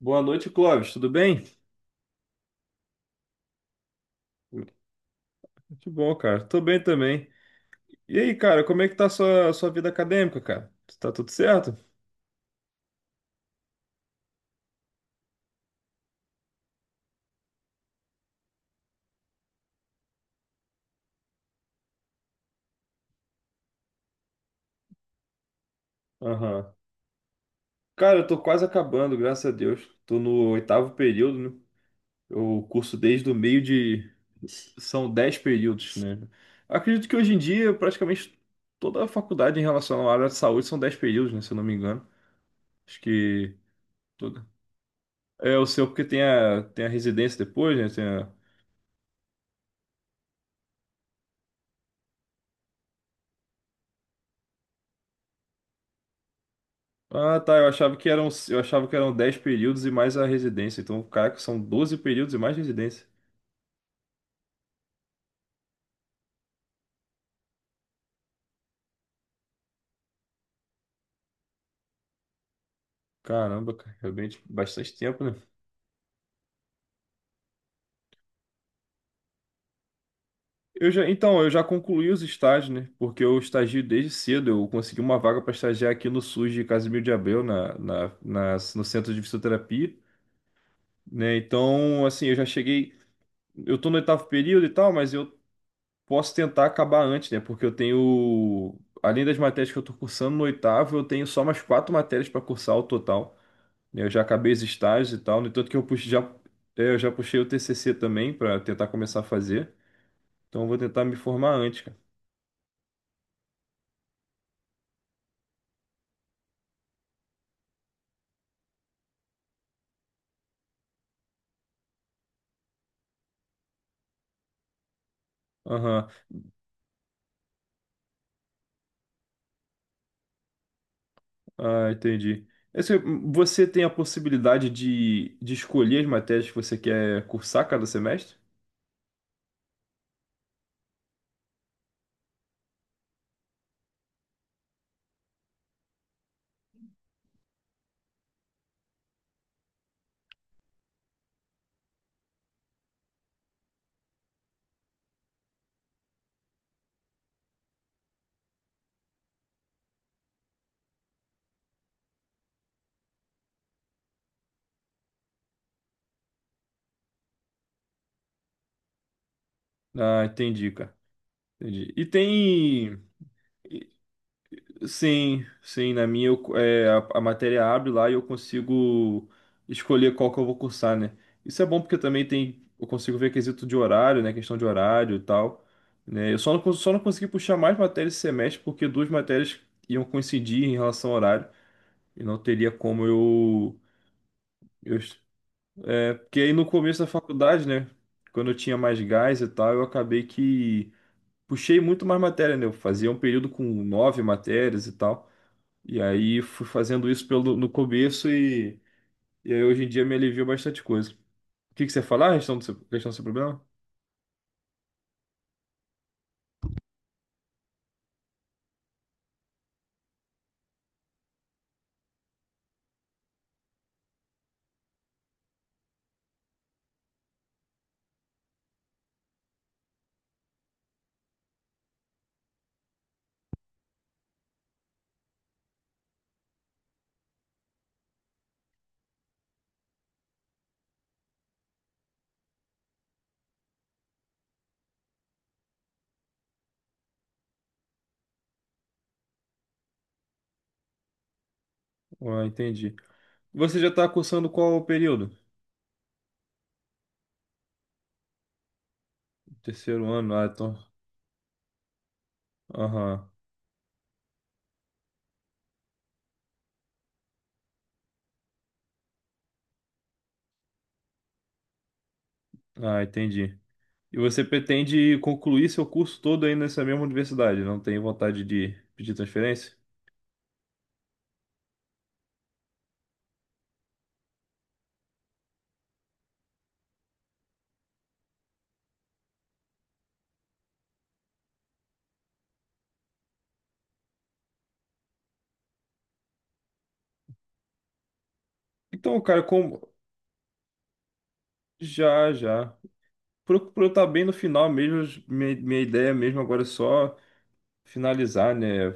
Boa noite, Clóvis. Tudo bem? Muito bom, cara. Tô bem também. E aí, cara, como é que tá a sua vida acadêmica, cara? Tá tudo certo? Aham. Cara, eu tô quase acabando, graças a Deus. Tô no oitavo período, né? Eu curso desde o meio de. São dez períodos, né? Acredito que hoje em dia, praticamente toda a faculdade em relação à área de saúde são dez períodos, né? Se eu não me engano. Acho que. Toda. É o seu, porque tem a residência depois, né? Ah, tá. Eu achava que eram 10 períodos e mais a residência. Então, caraca, são 12 períodos e mais residência. Caramba, cara, realmente bastante tempo, né? Eu já concluí os estágios, né? Porque eu estagio desde cedo. Eu consegui uma vaga para estagiar aqui no SUS de Casimiro de Abreu, no Centro de Fisioterapia, né? Então, assim, eu já cheguei. Eu tô no oitavo período e tal, mas eu posso tentar acabar antes, né? Porque eu tenho. Além das matérias que eu tô cursando no oitavo, eu tenho só mais quatro matérias para cursar o total. Eu já acabei os estágios e tal, no entanto que eu já puxei o TCC também para tentar começar a fazer, então eu vou tentar me formar antes, cara. Aham. Ah, entendi. Você tem a possibilidade de escolher as matérias que você quer cursar cada semestre? Ah, entendi, cara. Entendi. E tem. Sim, na minha a matéria abre lá e eu consigo escolher qual que eu vou cursar, né? Isso é bom porque também tem, eu consigo ver quesito de horário, né? Questão de horário e tal, né? Eu só não, cons- só não consegui puxar mais matérias esse semestre porque duas matérias iam coincidir em relação ao horário e não teria como eu, eu... é, porque aí no começo da faculdade, né? Quando eu tinha mais gás e tal, eu acabei que puxei muito mais matéria, né? Eu fazia um período com nove matérias e tal. E aí fui fazendo isso pelo, no começo e aí hoje em dia me aliviou bastante coisa. O que que você ia falar? A questão do seu problema? Ah, entendi. Você já está cursando qual período? Terceiro ano, ah, então. Aham. Ah, entendi. E você pretende concluir seu curso todo aí nessa mesma universidade? Não tem vontade de pedir transferência? Então, cara, como. Já, já. Procuro estar bem no final mesmo. Minha ideia mesmo agora é só finalizar, né?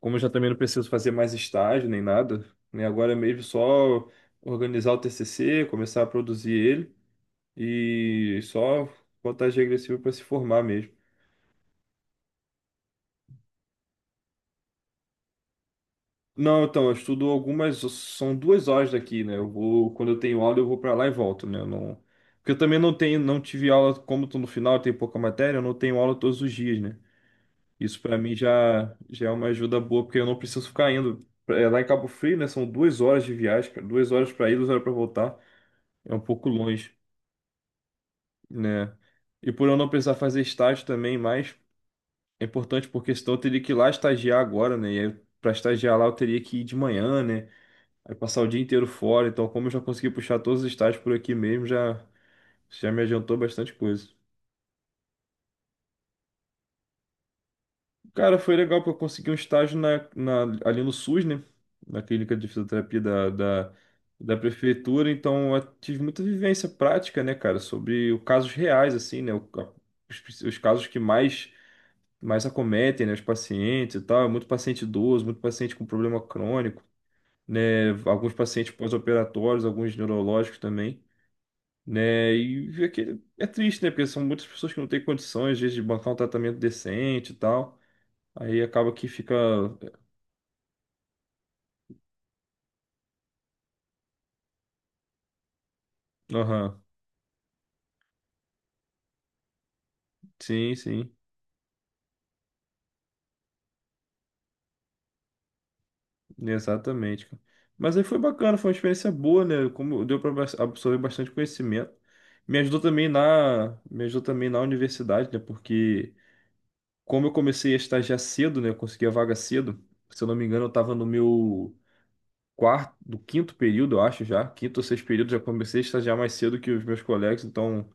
Como eu já também não preciso fazer mais estágio nem nada, né? Agora é mesmo só organizar o TCC, começar a produzir ele e só contagem regressiva para se formar mesmo. Não, então, eu estudo algumas, são duas horas daqui, né? Eu vou, quando eu tenho aula, eu vou para lá e volto, né? Eu não, porque eu também não tive aula, como tô no final, tem pouca matéria, eu não tenho aula todos os dias, né? Isso para mim já é uma ajuda boa, porque eu não preciso ficar indo. É, lá em Cabo Frio, né? São duas horas de viagem, cara, duas horas para ir, duas horas para voltar. É um pouco longe, né? E por eu não precisar fazer estágio também, mas é importante porque senão eu teria que ir lá estagiar agora, né? E aí, para estagiar lá eu teria que ir de manhã, né? Aí passar o dia inteiro fora. Então, como eu já consegui puxar todos os estágios por aqui mesmo, já, já me adiantou bastante coisa. Cara, foi legal porque eu consegui um estágio ali no SUS, né? Na clínica de fisioterapia da prefeitura. Então, eu tive muita vivência prática, né, cara? Sobre casos reais, assim, né? Os casos que mais acometem, né, os pacientes e tal. É muito paciente idoso, muito paciente com problema crônico, né, alguns pacientes pós-operatórios, alguns neurológicos também, né, e é, que é triste, né, porque são muitas pessoas que não têm condições, às vezes, de bancar um tratamento decente e tal. Aí acaba que fica... Aham. Sim, exatamente, cara. Mas aí foi bacana, foi uma experiência boa, né, como deu para absorver bastante conhecimento. Me ajudou também na universidade, né, porque... como eu comecei a estagiar cedo, né? Eu consegui a vaga cedo. Se eu não me engano, eu estava no meu quarto, do quinto período, eu acho já. Quinto ou sexto período, já comecei a estagiar mais cedo que os meus colegas. Então,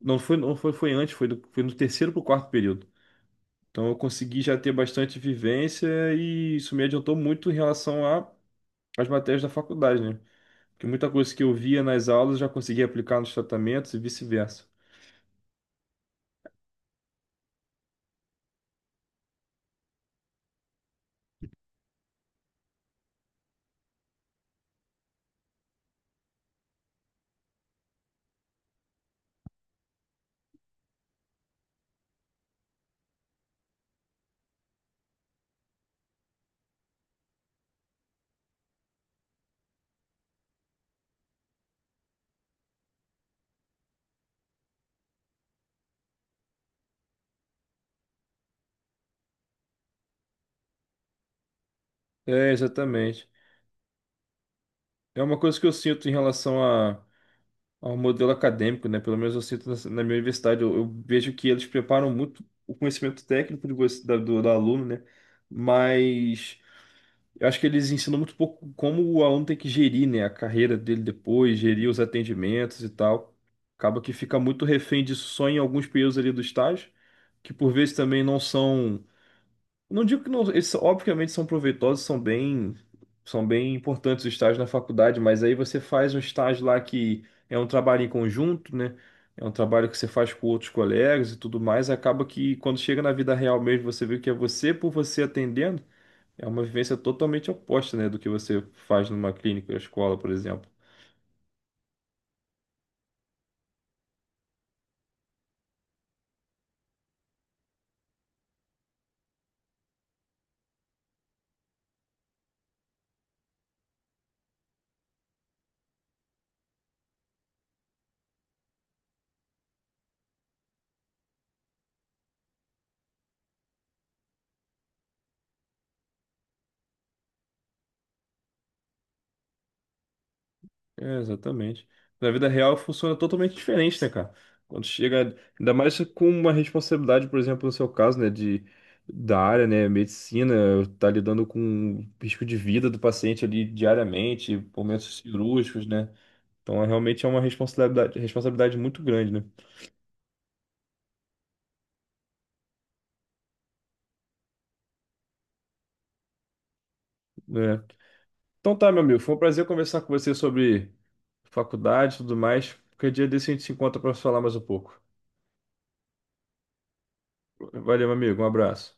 não foi, não foi, foi antes, foi, do, foi no terceiro para o quarto período. Então, eu consegui já ter bastante vivência e isso me adiantou muito em relação às matérias da faculdade, né? Porque muita coisa que eu via nas aulas eu já conseguia aplicar nos tratamentos e vice-versa. É, exatamente. É uma coisa que eu sinto em relação a ao modelo acadêmico, né? Pelo menos eu sinto na minha universidade, eu vejo que eles preparam muito o conhecimento técnico de você, do aluno, né? Mas eu acho que eles ensinam muito pouco como o aluno tem que gerir, né? A carreira dele depois, gerir os atendimentos e tal. Acaba que fica muito refém disso só em alguns períodos ali do estágio, que por vezes também não são não digo que não, eles obviamente são proveitosos, são bem importantes os estágios na faculdade, mas aí você faz um estágio lá que é um trabalho em conjunto, né? É um trabalho que você faz com outros colegas e tudo mais, acaba que quando chega na vida real mesmo, você vê que é você por você atendendo, é uma vivência totalmente oposta, né, do que você faz numa clínica, ou escola, por exemplo. É, exatamente. Na vida real funciona totalmente diferente, né, cara? Quando chega, ainda mais com uma responsabilidade, por exemplo, no seu caso, né, de né, medicina, tá lidando com o risco de vida do paciente ali diariamente, momentos cirúrgicos, né? Então, é, realmente é uma responsabilidade muito grande, né? É. Então tá, meu amigo, foi um prazer conversar com você sobre faculdade e tudo mais. Qualquer dia desse a gente se encontra para falar mais um pouco. Valeu, meu amigo, um abraço.